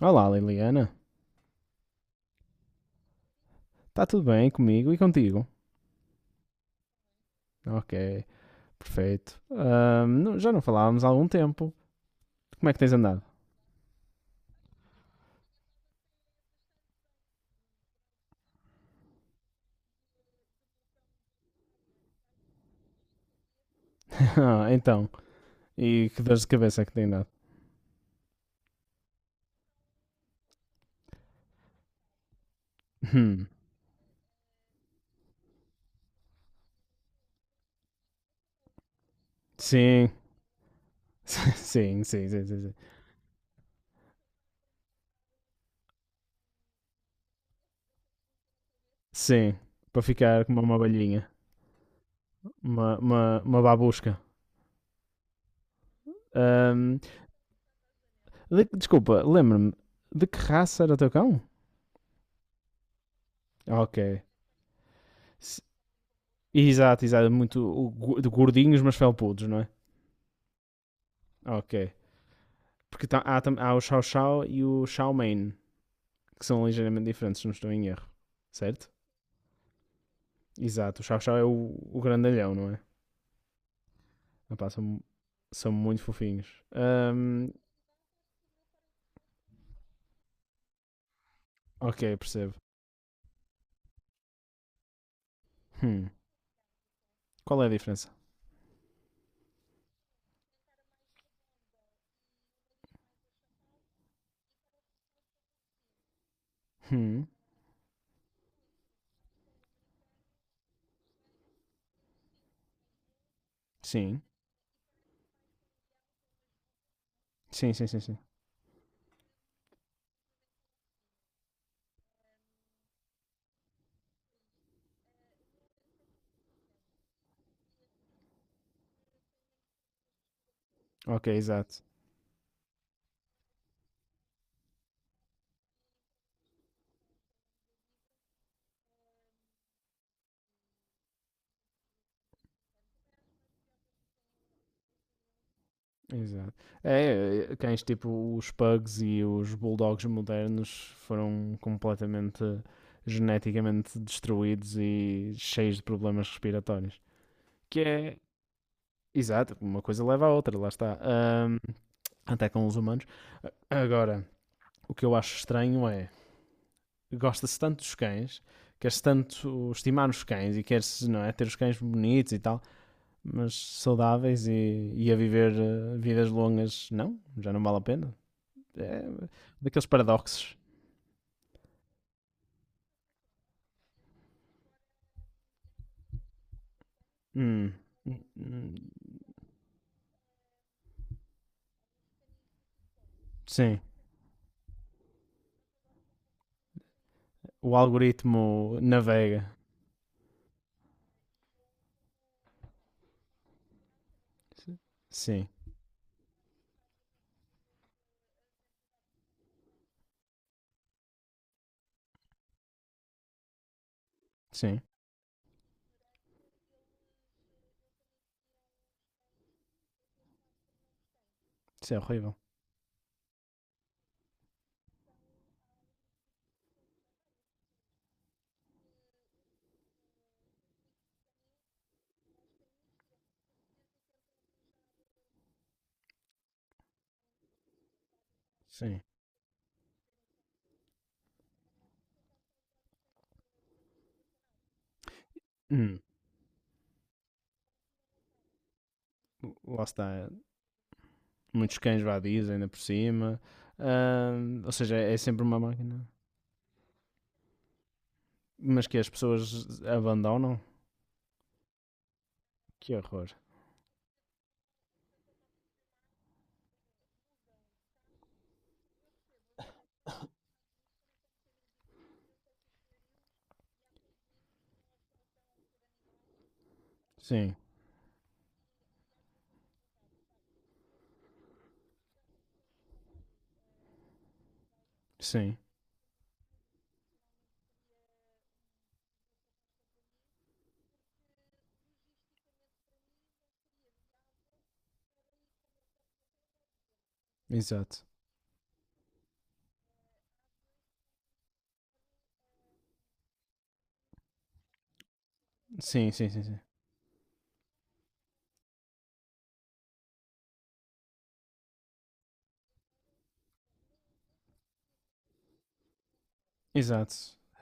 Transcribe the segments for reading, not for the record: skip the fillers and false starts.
Olá, Liliana. Está tudo bem comigo e contigo? Ok, perfeito. Já não falávamos há algum tempo. Como é que tens andado? Ah, então, e que dores de cabeça é que tem dado? Hum, sim, sim, sim, sim, sim, sim. Sim, para ficar como uma abelhinha, uma babusca. Ahm, Desculpa, lembra-me, de que raça era o teu cão? Ok. S- Exato, exato, muito de gordinhos, mas felpudos, não é? Ok. Porque há o Xiao Xiao e o Xiao Main, que são ligeiramente diferentes, se não estou em erro. Certo? Exato, o Xiao Xiao é o grandalhão, não é? Epá, são muito fofinhos. Ok, percebo. Hum, Qual é a diferença? Hum, sim. Sim, sim, sim, sim. Ok, exato. Exato. É, é, é, cães tipo os pugs e os bulldogs modernos foram completamente geneticamente destruídos e cheios de problemas respiratórios. Que é, Exato, uma coisa leva à outra, lá está. Até com os humanos. Agora, o que eu acho estranho é, gosta-se tanto dos cães, quer-se tanto estimar os cães e quer-se não é, ter os cães bonitos e tal, mas saudáveis e a viver vidas longas, não, já não vale a pena. É daqueles paradoxos. Hum, hum, hum, sim, o algoritmo navega. Sim, sim, isso é horrível. Sim. Hum, Lá está. Muitos cães vadios ainda por cima. Ou seja, é sempre uma máquina. Mas que as pessoas abandonam? Que horror. Sim, sim, exato. Sim, sim, sim, sim. Exato.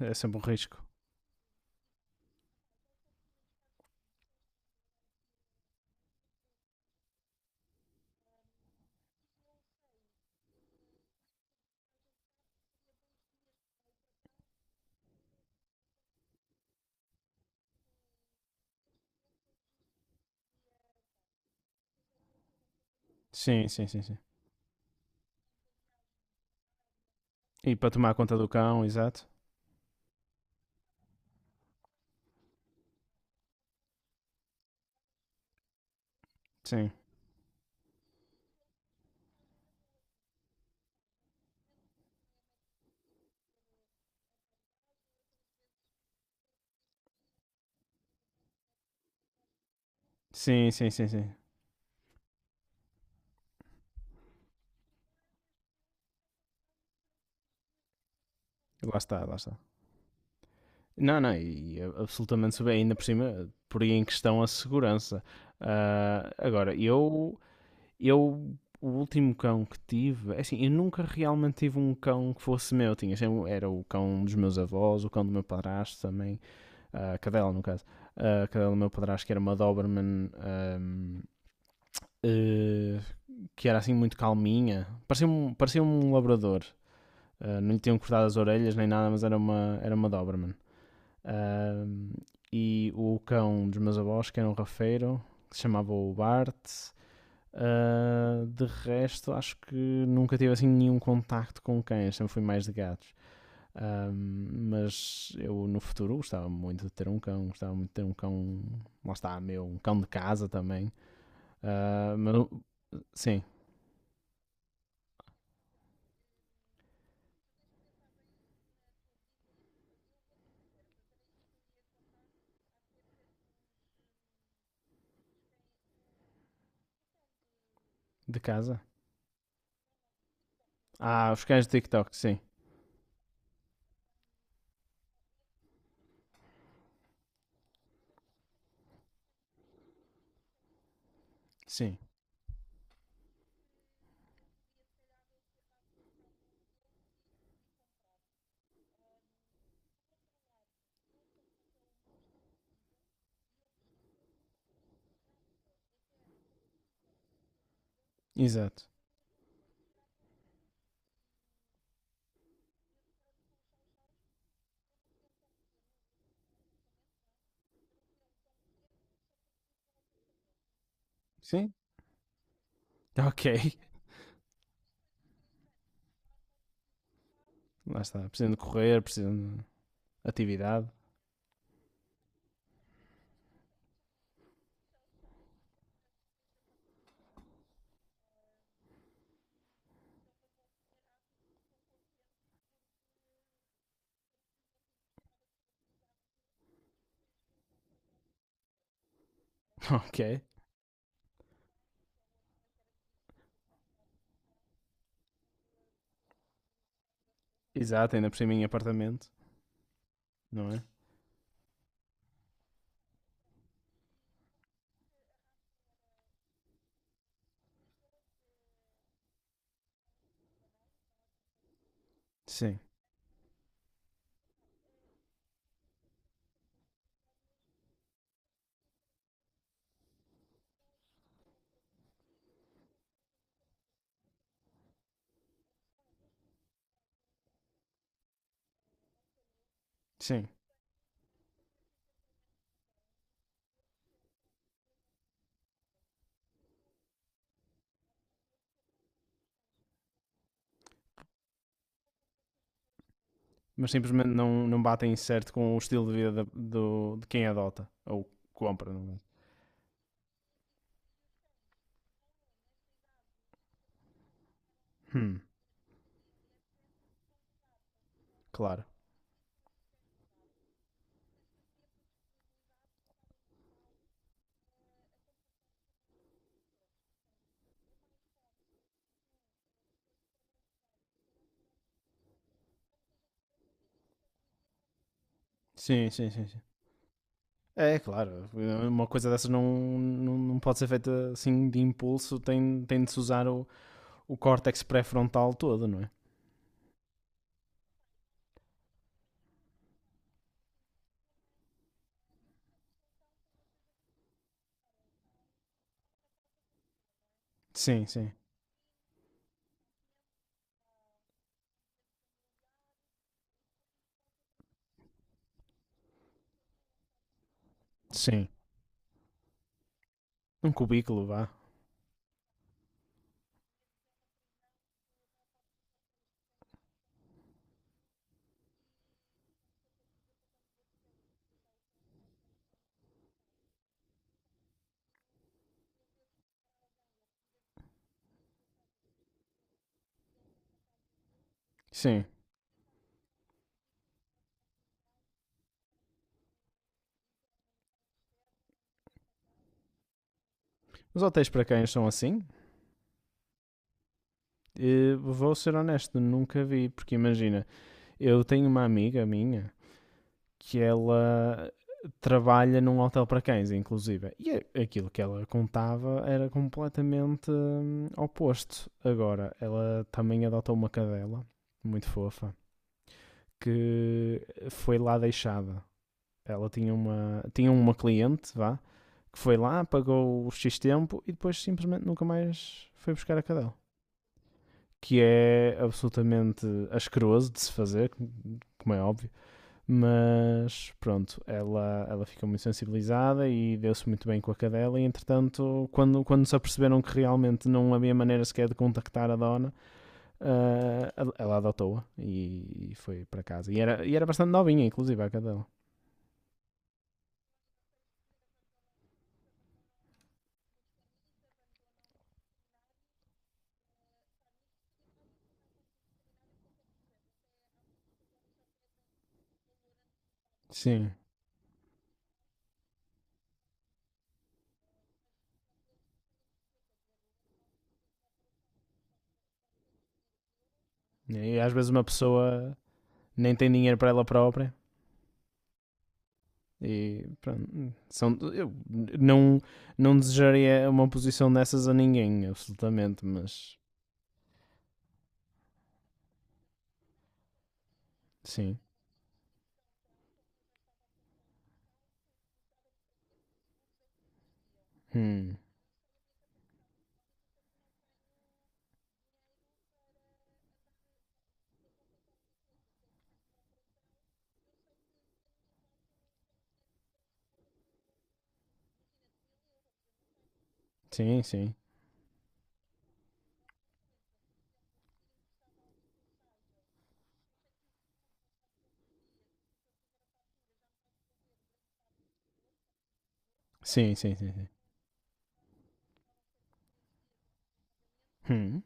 É sempre um risco. Sim, sim, sim, sim. E para tomar conta do cão, exato. Sim. Sim, sim, sim, sim. Lá está, lá está. Não, não, e é absolutamente sobre, ainda por cima, por aí em questão a segurança. Ah, agora, eu, o último cão que tive, é assim, eu nunca realmente tive um cão que fosse meu. Tinha, era o cão dos meus avós, o cão do meu padrasto também, a cadela no caso. A cadela do meu padrasto, que era uma Doberman, eh, que era assim muito calminha. Parecia um labrador. Ah, não lhe tinham cortado as orelhas nem nada, mas era uma Doberman. Ahm, e o cão dos meus avós, que era um rafeiro, que se chamava o Bart. Ah, de resto, acho que nunca tive assim nenhum contacto com cães, sempre fui mais de gatos. Ah, mas eu no futuro gostava muito de ter um cão, gostava muito de ter um cão, lá está, meu, um cão de casa também. Ah, mas, sim, de casa. Ah, os cães de TikTok, sim, sim, exato. Sim, ok. Lá está, precisam de correr, precisam de atividade. Ok. Exato, ainda por cima em apartamento, não é? Sim, sim. Mas simplesmente não batem certo com o estilo de vida do, de quem adota ou compra. Não é? Claro. Sim, sim, sim, sim. É claro. Uma coisa dessas não pode ser feita assim de impulso, tem de se usar o córtex pré-frontal todo, não é? Sim, sim. Sim. Um cubículo, vá. Sim. Os hotéis para cães são assim? Vou ser honesto, nunca vi, porque imagina, eu tenho uma amiga minha que ela trabalha num hotel para cães, inclusive. E aquilo que ela contava era completamente oposto. Agora, ela também adotou uma cadela, muito fofa, que foi lá deixada. Ela tinha uma cliente, vá, que foi lá, pagou o X tempo e depois simplesmente nunca mais foi buscar a cadela. Que é absolutamente asqueroso de se fazer, como é óbvio, mas pronto, ela ficou muito sensibilizada e deu-se muito bem com a cadela. E entretanto, quando se aperceberam que realmente não havia maneira sequer de contactar a dona, ela adotou-a e foi para casa. E era bastante novinha, inclusive, a cadela. Sim. E às vezes uma pessoa nem tem dinheiro para ela própria. E pronto, eu não, não desejaria uma posição dessas a ninguém, absolutamente, mas sim. Hum. Sim, sim. Sim, sim, sim. Sim. Hum,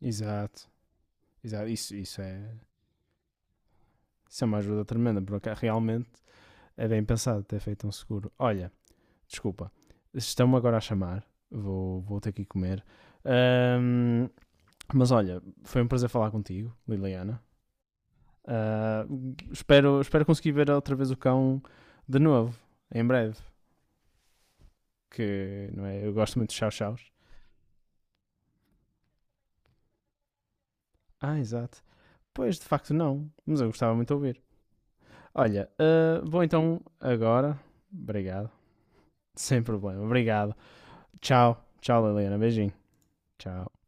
exato, exato. Isso, isso é uma ajuda tremenda, porque realmente é bem pensado ter feito um seguro. Olha, desculpa, estão-me agora a chamar, vou ter que ir comer. Ahm, mas olha, foi um prazer falar contigo, Liliana. Ah, espero conseguir ver outra vez o cão de novo, em breve. Que não é, eu gosto muito de chau-chaus. Ah, exato. Pois, de facto, não, mas eu gostava muito de ouvir. Olha, vou então agora. Obrigado. Sem problema. Obrigado. Tchau. Tchau, Liliana. Beijinho. Tchau.